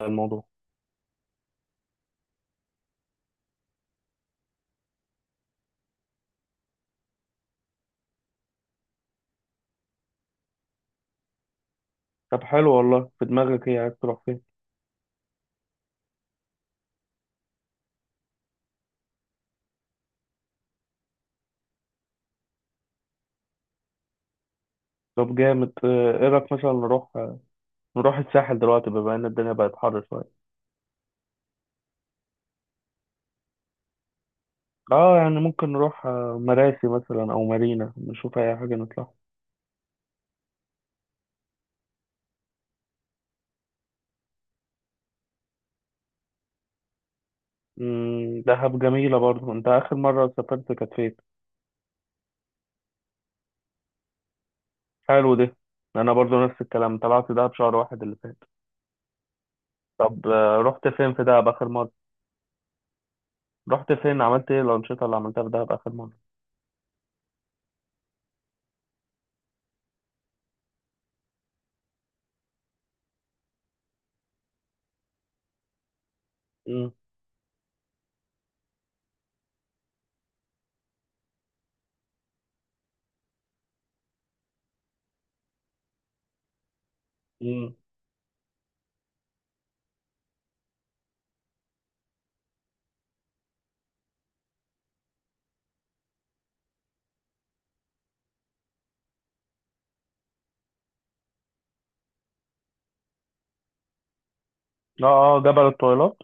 الموضوع. طب حلو والله، في دماغك ايه، عايز تروح فين؟ طب جامد. ايه رايك مثلا نروح الساحل دلوقتي بما ان الدنيا بقت حر شويه. اه يعني ممكن نروح مراسي مثلا او مارينا، نشوف اي حاجه نطلع. دهب جميله برضو. انت اخر مره سافرت كانت فين؟ حلو ده. انا برضو نفس الكلام، طلعت دهب شهر واحد اللي فات. طب رحت فين في دهب اخر مره؟ رحت فين، عملت ايه الانشطه اللي عملتها في دهب اخر مره؟ امم. امم. اه، اه، جبل الطويلات.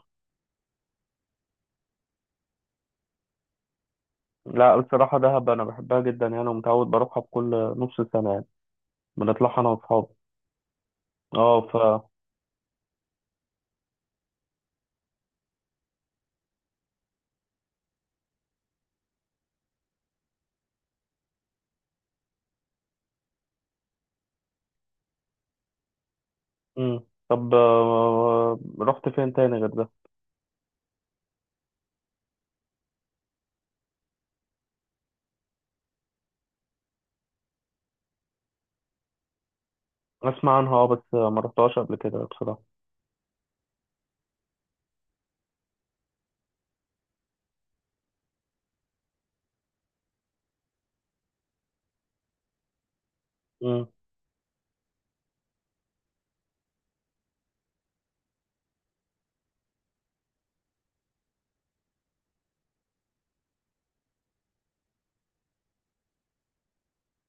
لا بصراحة، دهب أنا بحبها جدا يعني ومتعود بروحها بكل نص سنة يعني، بنطلعها أنا وأصحابي. أه ف مم. طب رحت فين تاني غير ده؟ أسمع عنها أه، بس ما رحتهاش قبل كده بصراحة. مم.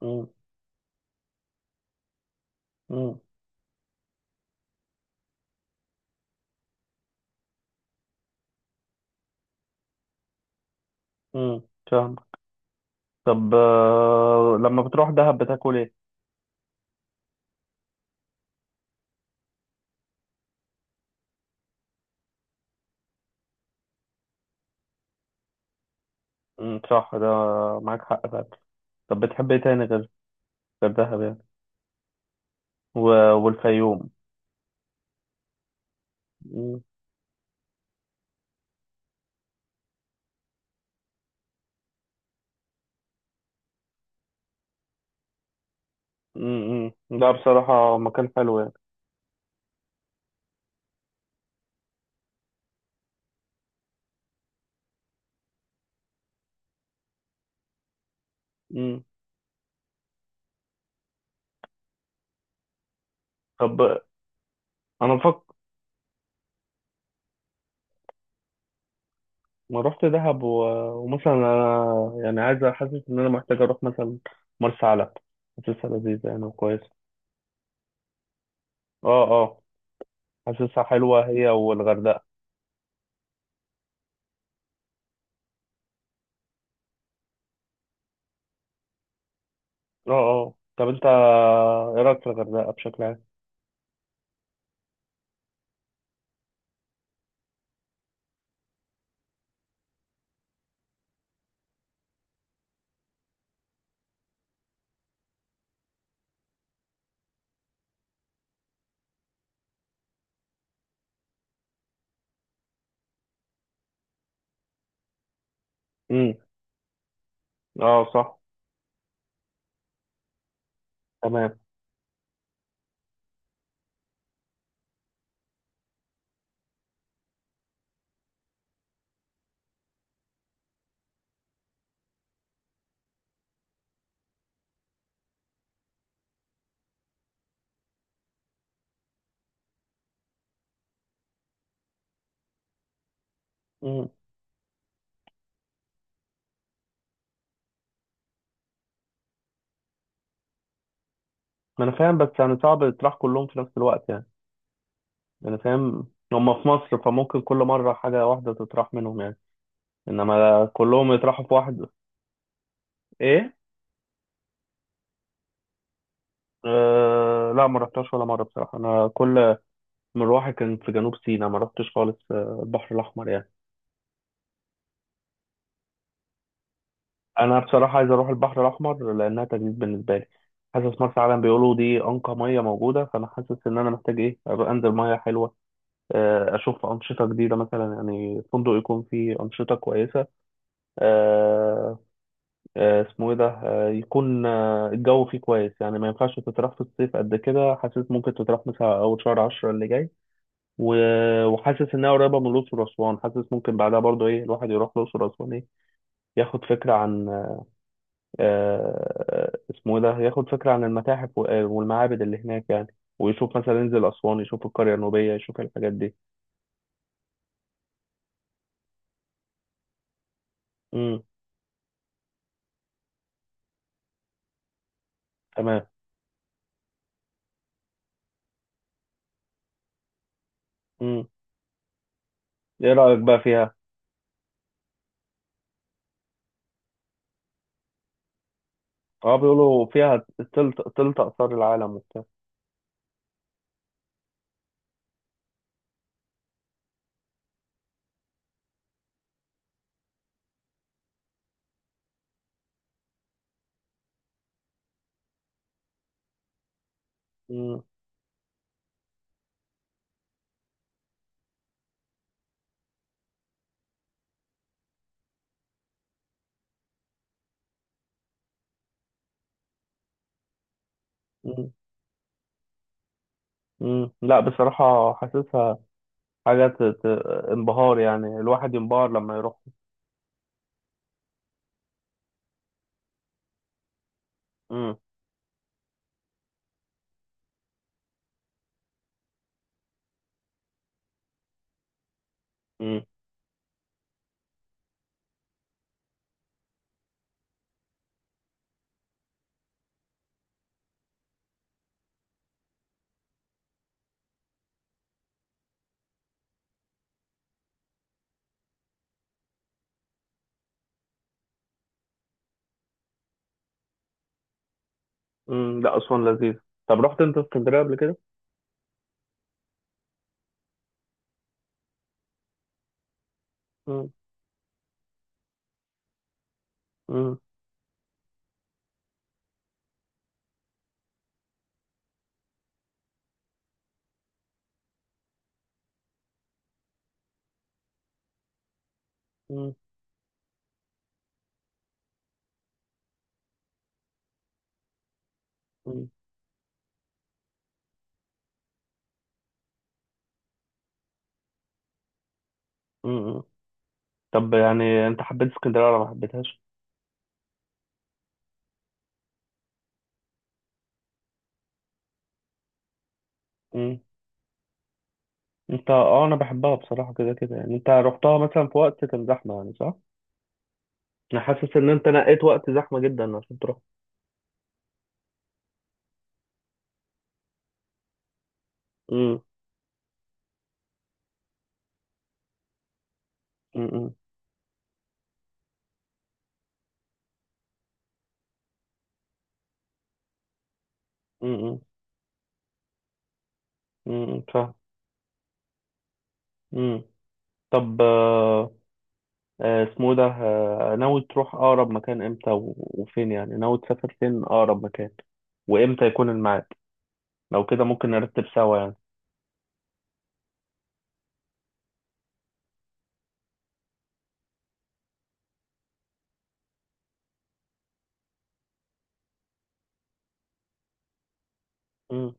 مم. مم. مم. فاهم. طب لما بتروح دهب بتاكل إيه؟ مم. صح ده، معاك حق فعلا. طب بتحب إيه تاني غير دهب يعني؟ و... والفيوم. مم. مم. مم. لا بصراحة مكان حلو يعني. مم. طب أنا بفكر. ما رحت دهب ومثلا انا يعني، عايز، حاسس ان انا محتاج اروح مثلا مرسى علم. حاسسها لذيذه يعني وكويسه. اه، اه، حاسسها حلوه هي والغردقه. اه، اه، طب انت ايه رايك في الغردقه بشكل عام؟ امم. اه صح. تمام. امم. ما انا فاهم بس يعني صعب تطرح كلهم في نفس الوقت يعني. انا فاهم. هم في مصر فممكن كل مره حاجه واحده تطرح منهم يعني، انما كلهم يطرحوا في واحد. ايه. آه لا، ما رحتهاش ولا مره بصراحه. انا كل مروحي كان في جنوب سيناء، ما رحتش خالص البحر الأحمر يعني. أنا بصراحة عايز أروح البحر الأحمر لأنها تجديد بالنسبة لي. حاسس مرسى علم بيقولوا دي أنقى مية موجودة، فأنا حاسس إن أنا محتاج إيه أبقى أنزل مية حلوة. أشوف أنشطة جديدة مثلا يعني، فندق يكون فيه أنشطة كويسة. آه، اسمه إيه ده، يكون الجو فيه كويس يعني. ما ينفعش تتراح في الصيف قد كده، حاسس ممكن تتراح مثلا أول شهر عشرة اللي جاي. و- وحاسس انها قريبه من الاقصر واسوان، حاسس ممكن بعدها برضو ايه الواحد يروح الاقصر واسوان، ايه ياخد فكره عن آه، اسمه ايه ده ياخد فكره عن المتاحف والمعابد اللي هناك يعني، ويشوف مثلا ينزل اسوان يشوف القريه النوبيه يشوف الحاجات دي. امم. تمام. امم. ايه رايك بقى فيها؟ اه، بيقولوا فيها تلت اثار العالم وبتاع. امم. امم. امم. لا بصراحه، حاسسها حاجه انبهار يعني، الواحد ينبهر لما يروح. امم. مم. لا أسوان لذيذ. طب رحت أنت اسكندرية قبل كده؟ مم. مم. مم. مم. مم. طب يعني أنت حبيت اسكندرية ولا ما حبيتهاش؟ مم. أنت أه أنا بحبها بصراحة كده كده يعني، أنت رحتها مثلا في وقت كان زحمة يعني صح؟ أنا حاسس إن أنت نقيت وقت زحمة جدا عشان تروح. مم. مم. مم. مم. فاهم. مم. طب آه، آه، اسمه ده آه، ناوي تروح أقرب مكان إمتى و- وفين يعني، ناوي تسافر فين أقرب مكان، وإمتى يكون الميعاد؟ لو كده ممكن نرتب سوا يعني. مم.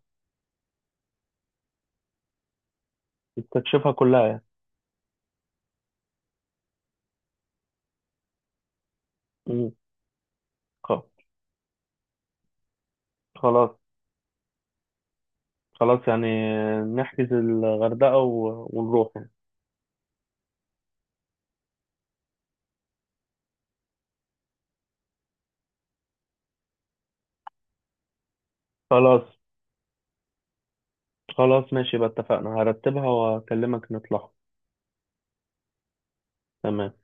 تستكشفها كلها يعني. مم. خ- خلاص، خلاص يعني، نحجز الغردقة ونروح يعني. خلاص، خلاص ماشي بقى، اتفقنا. هرتبها واكلمك نطلع. تمام.